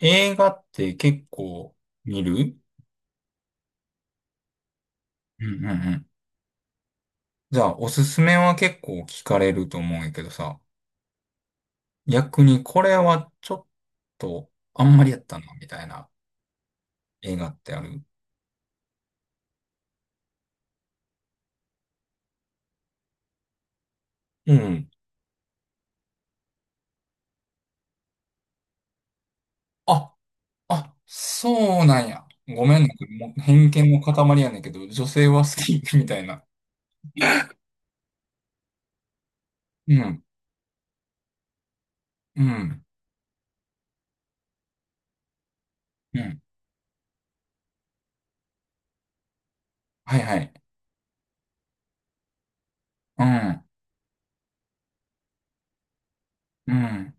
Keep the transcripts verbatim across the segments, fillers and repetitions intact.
映画って結構見る？うんうんうん。じゃあ、おすすめは結構聞かれると思うんやけどさ、逆にこれはちょっとあんまりやったな、みたいな映画ってある？うん。あ、あ、そうなんや。ごめんね。もう偏見の塊やねんけど、女性は好き みたいな。うん、うん、うん。はいはい。うん、うん、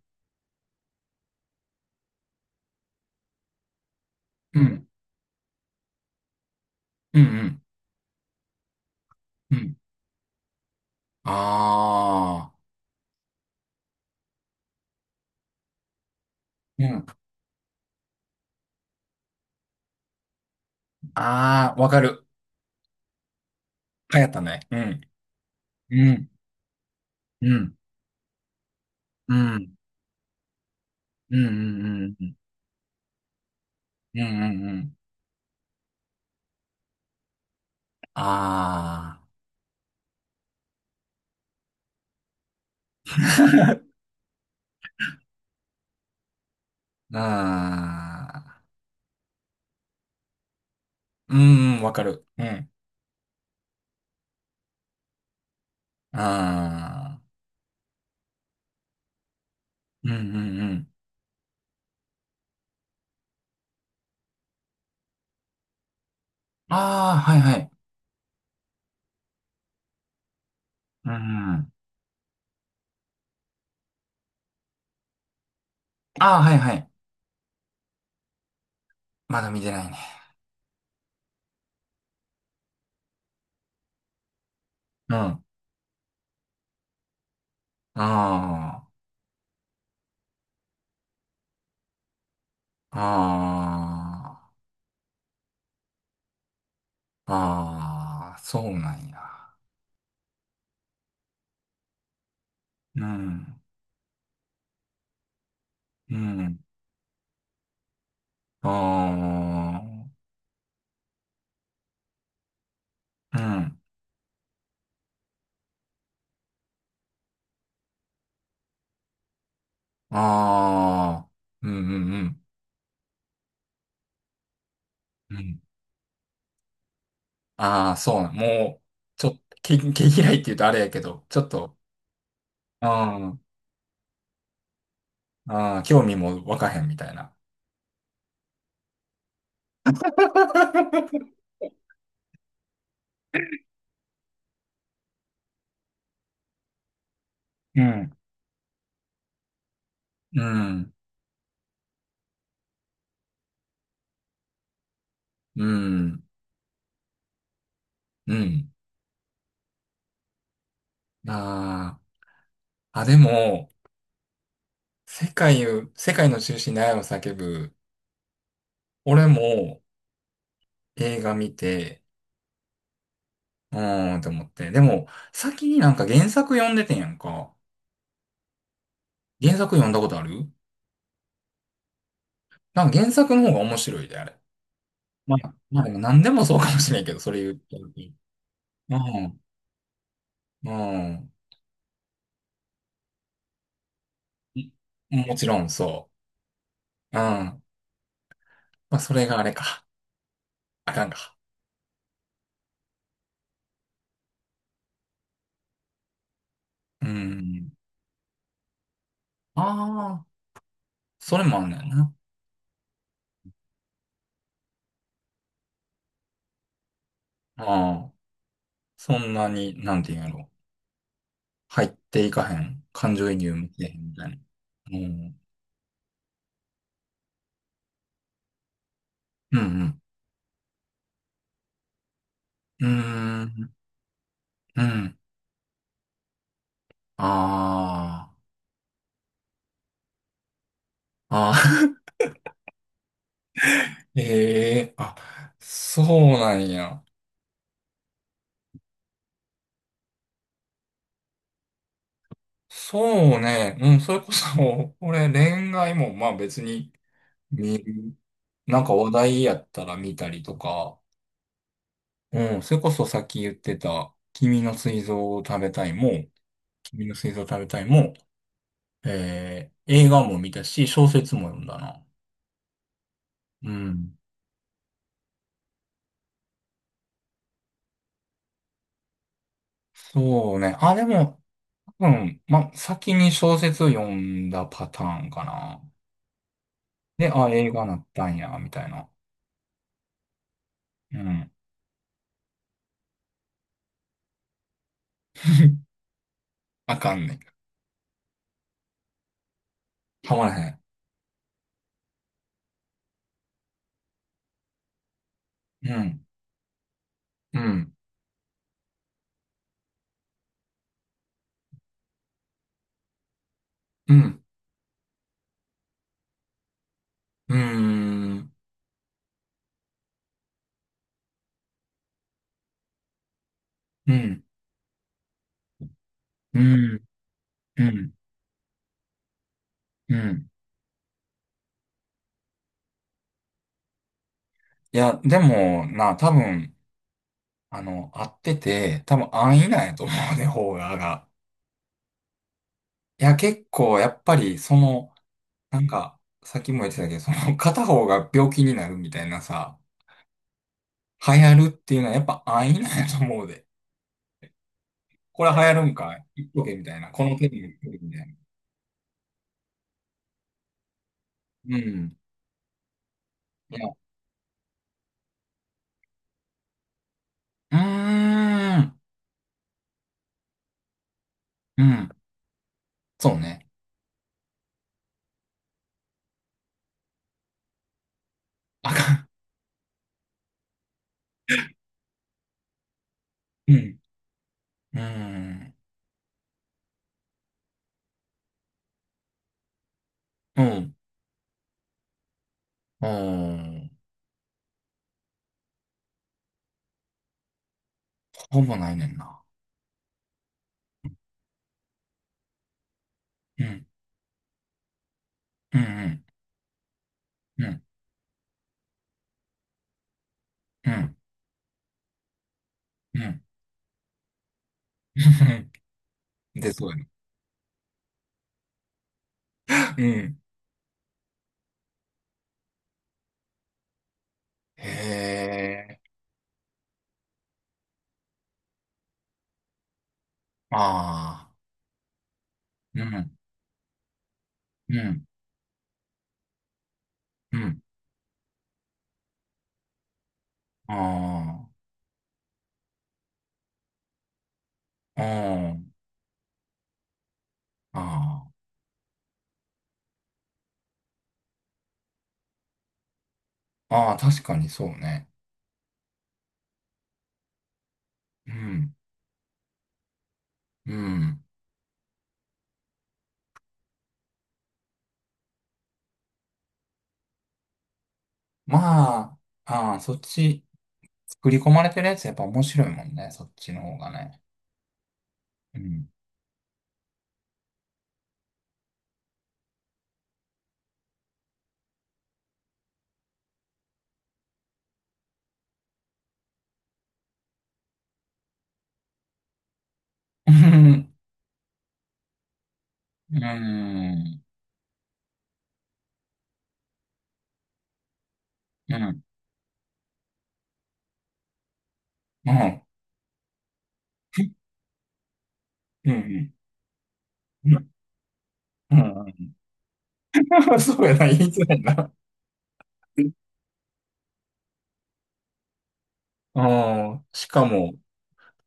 うん、うん、うん。うん、ああー、うん。ああ、わかる。流行ったね。うん。うん、うん、うん、うん、うん、うん、うん、うん、うん。ああ、ああ、うん、うん、わかる。うん、ああ、うん、うん、うん。ああ、はい、はい。うん、ああ、はい、はい。まだ見てないね。うん、ああ、ああ、ああ、そうなんや。うん、うん、ああ、うん、ああ、うん、うん、うん。うん、ああ、そうなもう、ちょっと、毛、毛嫌いって言うとあれやけど、ちょっと、うん、うん、興味も湧かへんみたいな。うん、うん、うん、うん。ああ、あ、でも、世界を、世界の中心で愛を叫ぶ、俺も映画見て、うーんと思って。でも、先になんか原作読んでてんやんか。原作読んだことある？なんか原作の方が面白いで、あれ。まあ、まあでも何でもそうかもしれんけど、それ言ってる。うん、うん。いもちろんそう。うん。まあ、それがあれか。あかんか。うん。ああ、それもあんねんな。ああ、そんなに、なんていうんやろ。入っていかへん。感情移入もせえへんみたいな。うん。うん、うん。うーん。うん。ああ。ああ。ええあ、そうなんや。そうね。うん、それこそ、俺、恋愛も、まあ別に、見る。なんか話題やったら見たりとか、うん、それこそさっき言ってた、君の膵臓を食べたいも、君の膵臓を食べたいも、えー、映画も見たし、小説も読んだな。うん。そうね。あ、でも、うん、ま、先に小説読んだパターンかな。で、あ、映画なったんや、みたいな。うん。あかんね。はまらへん。うん。うん。うん。うーん。うん。うん。うん。うん。いや、でも、な、多分、あの、合ってて、多分安易なんやと思うね、方が、が。いや、結構、やっぱり、その、なんか、さっきも言ってたけど、その、片方が病気になるみたいなさ、流行るっていうのはやっぱ安易なんやと思うで。これ流行るんかい言っとけみたいな。この手に言っとけみたいな。うん。いや、うーん。うん。そうね。あかん。うん。うーん。うん。うん。ほぼないねんな。うん。うんうん。うん。うんうん。で、そうやな。うん。へえ。ああ。うん。うん。うん。ああ。ああ。ああ。ああ、確かにそうね。うん。うん。まあ、ああ、そっち、作り込まれてるやつやっぱ面白いもんね。そっちの方がね。うん。うん。うん。うん。うん。うん。うん。うん そうやな、言いづらいな。うん。しかも、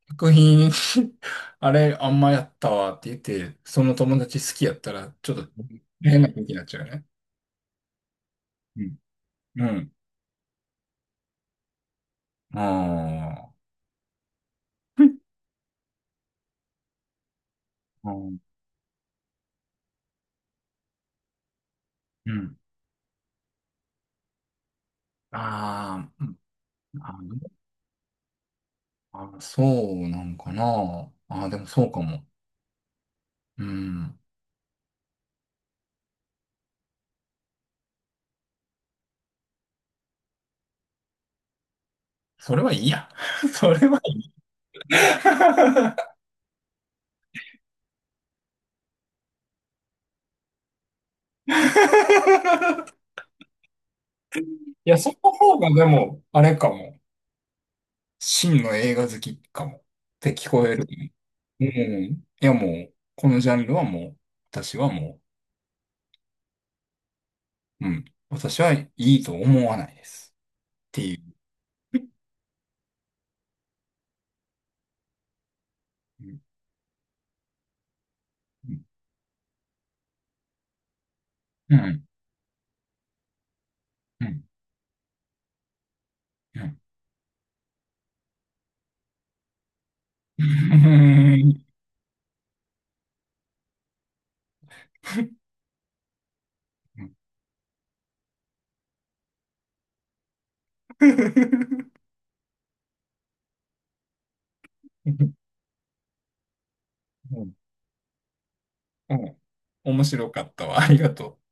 作品 あれ、あんまやったわって言って、その友達好きやったら、ちょっと変な空気になっちゃうよね。うん。うん。ああ。うんうん。あーああ、そうなんかな。ああでもそうかも。うん。それはいいや。それはいい。 いや、その方がでも、あれかも。真の映画好きかも。って聞こえる。うん。いやもう、このジャンルはもう、私はもう、うん。私はいいと思わないです。っていう。うんうん。うん。うん。うん。うん。うん、面白かったわ。ありがとう。